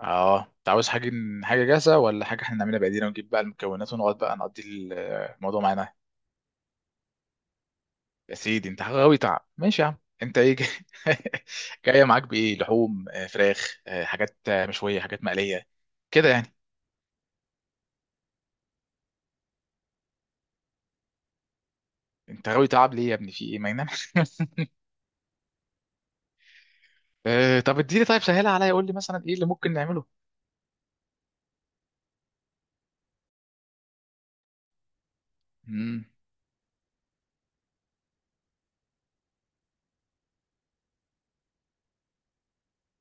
اه، انت عاوز حاجه؟ حاجه جاهزه ولا حاجه احنا نعملها بايدينا ونجيب بقى المكونات ونقعد بقى نقضي الموضوع معانا. يا سيدي انت غاوي تعب، ماشي يا عم. انت ايه جايه معاك بايه؟ لحوم، فراخ، حاجات، مشويه، حاجات مقليه؟ كده يعني؟ انت غاوي تعب ليه يا ابني، في ايه ما ينام؟ طب اديني، طيب سهلها عليا، قول لي مثلا ايه اللي ممكن نعمله. امم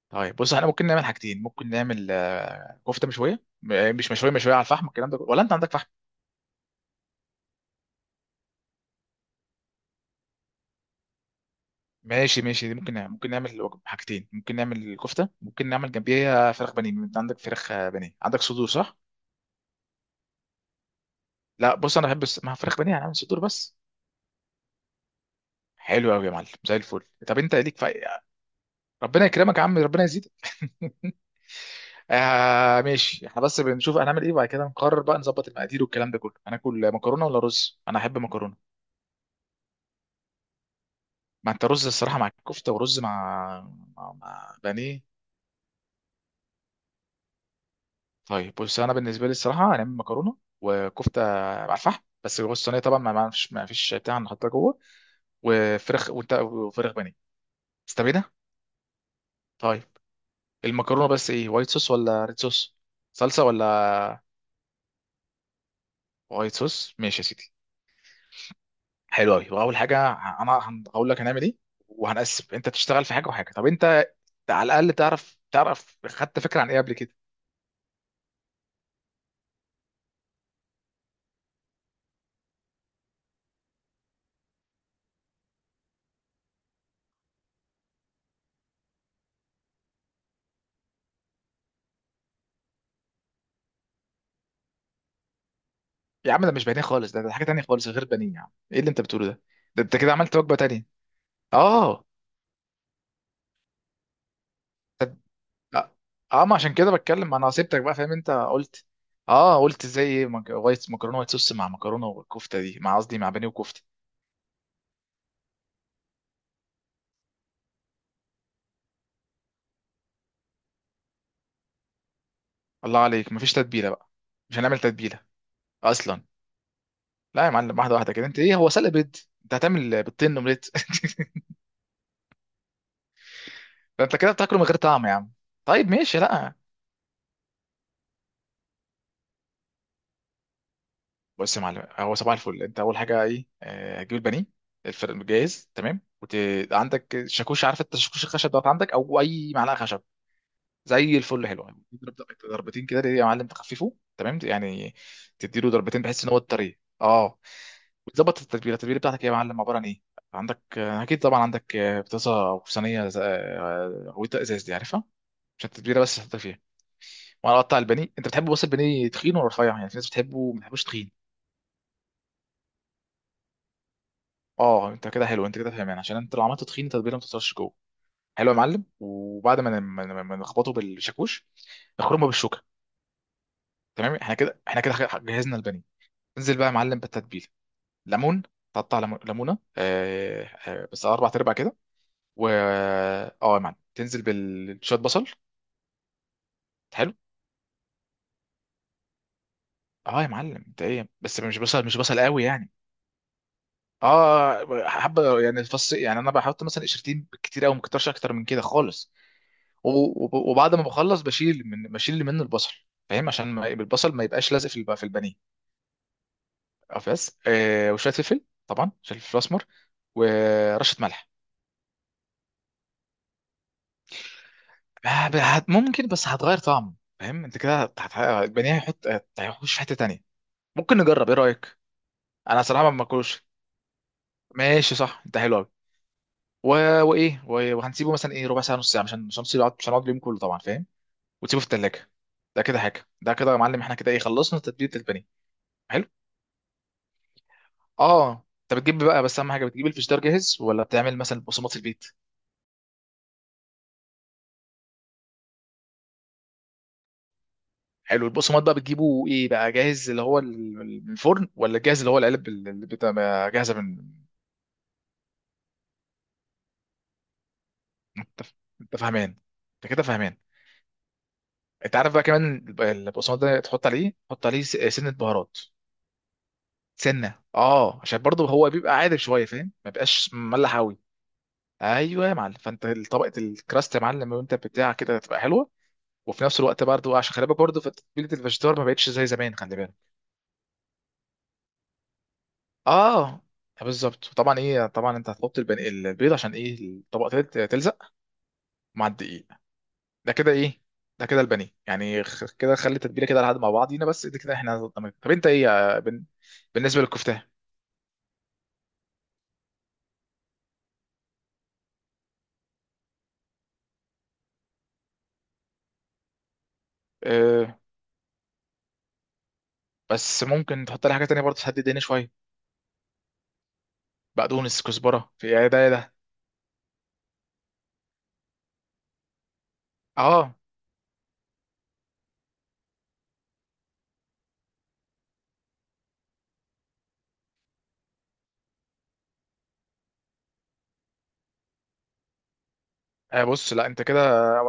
طيب بص، احنا ممكن نعمل حاجتين، ممكن نعمل كفته مشويه، م- آه، مش مشويه مشويه على الفحم، الكلام ده كله. ولا انت عندك فحم؟ ماشي ماشي، دي ممكن نعمل، ممكن نعمل حاجتين، ممكن نعمل كفته، ممكن نعمل جنبيها فراخ بانيه. انت عندك فراخ بانيه؟ عندك صدور صح؟ لا بص، انا بحب مع فراخ بانيه هنعمل صدور بس. حلو قوي يا معلم، زي الفل. طب انت ليك في ربنا يكرمك يا عم، ربنا يزيدك. آه ماشي، احنا بس بنشوف هنعمل ايه، وبعد كده نقرر بقى، نظبط المقادير والكلام ده كله. هناكل مكرونه ولا رز؟ انا احب مكرونه. ما انت رز الصراحه مع الكفته، ورز مع مع بانيه. طيب بص، انا بالنسبه لي الصراحه هنعمل مكرونه وكفته على الفحم، بس جوه الصينيه طبعا، ما فيش بتاع، نحطها جوه. وفراخ وفراخ بانيه. استبينا. طيب، المكرونه بس ايه، وايت صوص ولا ريد صوص؟ صلصه ولا وايت صوص؟ ماشي يا سيدي. حلو قوي. واول حاجه هقول لك هنعمل ايه، وهنقسم، انت تشتغل في حاجه وحاجه. طب انت على الاقل تعرف، تعرف خدت فكره عن ايه قبل كده؟ يا عم ده مش بانيه خالص، ده حاجه تانيه خالص غير بانيه يا عم، ايه اللي انت بتقوله ده؟ ده انت كده عملت وجبه تانيه. اه. لا اه، ما عشان كده بتكلم، انا سبتك بقى فاهم انت قلت. اه قلت زي ايه، وايت مكرونه، وايت صوص مع مكرونه، والكفته دي مع، قصدي مع بانيه وكفته. الله عليك، مفيش تتبيله بقى؟ مش هنعمل تتبيله اصلا؟ لا يا معلم، واحده واحده كده، انت ايه هو سلق بيض؟ انت هتعمل بيضتين اومليت؟ ده انت كده بتاكله من غير طعم يا عم. طيب ماشي، لا. بص يا معلم، هو صباح الفل. انت اول حاجه ايه؟ هتجيب البانيه، الفرن جاهز تمام، عندك شاكوش؟ عارف انت الشاكوش الخشب دوت، عندك او اي معلقه خشب؟ زي الفل، حلو. يعني تضرب ضربتين كده يا معلم، تخففه تمام يعني، تديله ضربتين بحيث ان هو الطريق. اه. وتظبط التتبيله. التتبيله بتاعتك إيه يا معلم، عباره عن ايه؟ عندك، اكيد طبعا عندك، بطاطا او صينيه غويطه ازاز، دي عارفها؟ عشان التتبيله بس تحط فيها. وانا اقطع البانيه. انت بتحبه بس البانيه تخين ولا رفيع؟ يعني في ناس بتحبه، ما بتحبوش تخين. اه انت كده حلو، انت كده فاهمان، عشان انت لو عملته تخين التتبيله ما بتوصلش جوه. حلو يا معلم. وبعد ما نخبطه بالشاكوش، نخرمه بالشوكه. تمام، احنا كده احنا كده، جهزنا البانيه. انزل بقى يا معلم بالتتبيله. ليمون، تقطع ليمونه، بس اربع ارباع كده. و اه يا معلم، تنزل بالشويه بصل. حلو. اه يا معلم، انت ايه بس، مش بصل، مش بصل قوي يعني. اه حبه يعني، فص يعني، انا بحط مثلا قشرتين، كتير قوي ما كترش، اكتر من كده خالص. وبعد ما بخلص بشيل، من بشيل اللي منه البصل، فاهم، عشان ما البصل ما يبقاش لازق في في البانيه. بس وشويه فلفل طبعا، عشان الفلفل الاسمر. ورشه ملح. ما ب- هت- ممكن، بس هتغير طعم فاهم، انت كده البانيه هيحط، هيخش في حته تانية. ممكن نجرب، ايه رايك؟ انا صراحه ما باكلوش. ماشي، صح، انت حلو قوي. و... وايه، وهنسيبه مثلا ايه، ربع ساعه نص ساعه، عشان نسيبه، مش هنقعد اليوم كله طبعا فاهم. وتسيبه في الثلاجه. ده كده حاجه. ده كده يا معلم، احنا كده ايه، خلصنا تتبيله البانيه. حلو اه انت بتجيب بقى، بس اهم حاجه، بتجيب الفشدار جاهز ولا بتعمل مثلا البقسماط في البيت؟ حلو. البقسماط بقى بتجيبه ايه بقى، جاهز اللي هو من الفرن، ولا جاهز اللي هو العلب اللي بتبقى جاهزه من؟ انت فاهمان، انت كده فاهمان. انت عارف بقى كمان البقسماط ده، تحط عليه، تحط عليه سنه بهارات، سنه، اه، عشان برضه هو بيبقى عادل شويه فاهم، ما بيبقاش مملح قوي. ايوه يا معلم، فانت طبقه الكراست يا معلم، وانت بتاع كده تبقى حلوه. وفي نفس الوقت برضه، عشان خلي بالك برضه، فتتبيله الفيجيتار ما بقتش زي زمان، خلي بالك. اه بالظبط طبعا، ايه طبعا، انت هتحط البيض عشان ايه؟ الطبقه تلزق مع الدقيق. ده كده ايه، ده كده البانيه يعني، كده خلي التتبيله كده لحد مع بعضينا بس. ده كده احنا تمام. طب انت ايه يا بالنسبه للكفته. اه، بس ممكن تحط لي حاجه تانية برضه، تهدي الدنيا شويه. بقدونس، كزبره، في ايه، ده ايه ده. اه بص لا انت كده،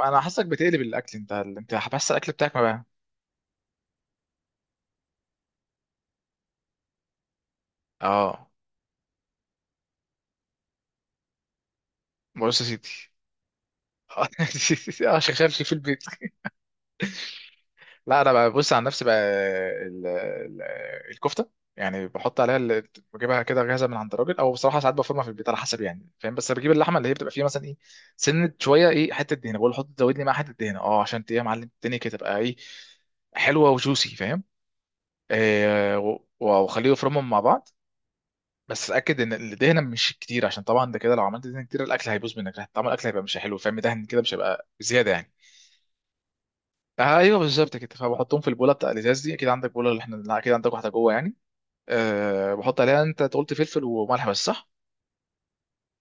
انا حاسسك بتقلب الاكل انت، انت بس الاكل بتاعك ما بقى. اه، بص يا سيدي، اه شغال في في البيت. لا انا بقى بص عن نفسي بقى، ال- ال- الكفته يعني، بحط عليها اللي، بجيبها كده جاهزه من عند الراجل، او بصراحه ساعات بفرمها في البيت على حسب يعني فاهم. بس بجيب اللحمه اللي هي بتبقى فيها مثلا ايه، سنه شويه، ايه، حته دهنه، بقول له حط زود لي معاها حته دهنه، اه، عشان ايه يا معلم الدنيا كده تبقى ايه، حلوه وجوسي فاهم. واخليه يفرمهم مع بعض. بس اتاكد ان الدهنه مش كتير، عشان طبعا ده كده لو عملت دهنه كتير الاكل هيبوظ منك، طعم الاكل هيبقى مش حلو فاهم، دهن كده مش هيبقى زياده يعني. ايوه بالظبط كده. فبحطهم في البوله بتاع الازاز دي، اكيد عندك بوله اللي احنا، لا، اكيد عندك واحده جوه يعني. أه بحط عليها، انت قلت فلفل وملح بس صح؟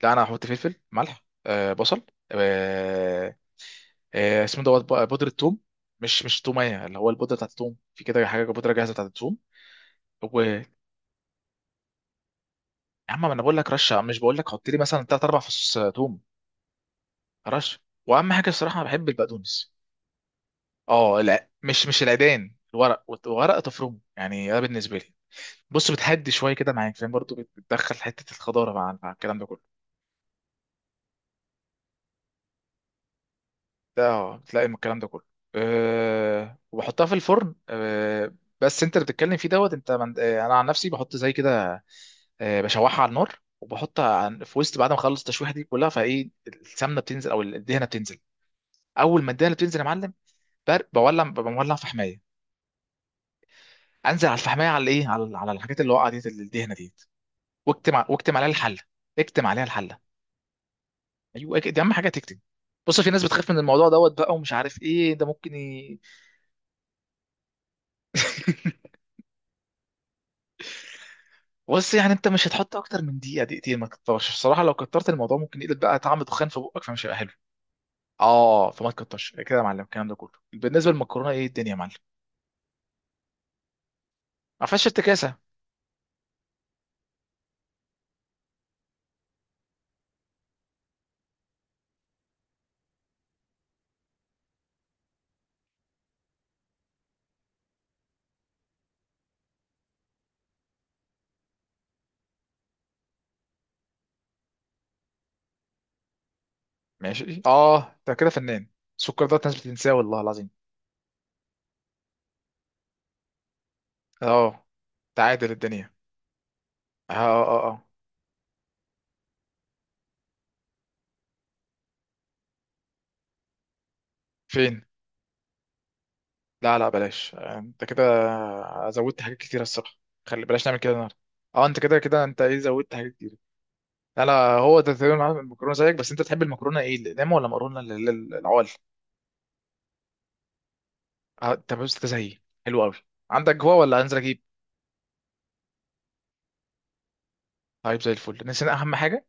لا انا هحط فلفل، ملح، أه بصل، أه، أه اسمه دوت بقى، بودره ثوم، مش مش توميه اللي هو البودره بتاعت الثوم، في كده حاجه بودره جاهزه بتاعت الثوم. و يا عم، ما انا بقول لك رشه، مش بقول لك حط لي مثلا ثلاث اربع فصوص ثوم. رشه. واهم حاجه الصراحه انا بحب البقدونس. اه لا، مش مش العيدان، الورق، ورق تفرمه يعني، ده بالنسبه لي. بص بتهدي شويه كده معاك فاهم، برضو بتدخل حته الخضاره مع الكلام ده كله. ده اه بتلاقي من الكلام ده كله. أه وبحطها في الفرن، أه. بس انت اللي بتتكلم فيه دوت، انت أه انا عن نفسي بحط زي كده. أه بشوحها على النار وبحطها في وسط، بعد ما اخلص التشويحه دي كلها، فايه السمنه بتنزل او الدهنه بتنزل. اول ما الدهنه بتنزل يا معلم، بولع، ببقى مولع فحمايه، انزل على الفحمايه على ايه، على الحاجات اللي وقعت ديت، الدهنه ديت، واكتم عليها الحله، اكتم عليها الحله، ايوه كده، دي اهم حاجه تكتب. بص في ناس بتخاف من الموضوع دوت بقى ومش عارف ايه، ده ممكن بص يعني انت مش هتحط اكتر من دقيقه دقيقتين، ما تكترش الصراحه، لو كترت الموضوع ممكن يقلب بقى طعم دخان في بقك، فمش هيبقى حلو. اه فما تكترش كده يا معلم الكلام ده كله. بالنسبه للمكرونه، ايه الدنيا يا معلم؟ ما فيهاش افتكاسه؟ ماشي اه انت كده فنان. السكر ده ناس بتنساه والله العظيم. اه تعادل الدنيا، اه اه اه، فين؟ لا لا بلاش، انت كده زودت حاجات كتير الصراحه، خلي بلاش نعمل كده النهارده. اه انت كده كده انت ايه، زودت حاجات كتير. لا لا. هو ده تقريبا عامل المكرونه زيك بس، انت تحب المكرونه ايه، الاقلام ولا مكرونه العوال؟ اه انت بس انت زيي، حلو قوي. عندك جوا ولا هنزل اجيب؟ طيب زي الفل، نسينا اهم حاجه.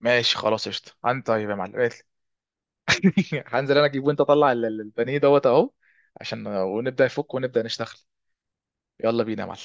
ماشي خلاص، قشطه. عن طيب يا معلم، قالت لي. هنزل انا اجيب، وانت طلع البانيه دوت اهو. عشان ونبدا يفك ونبدا نشتغل. يلا بينا يا معلم.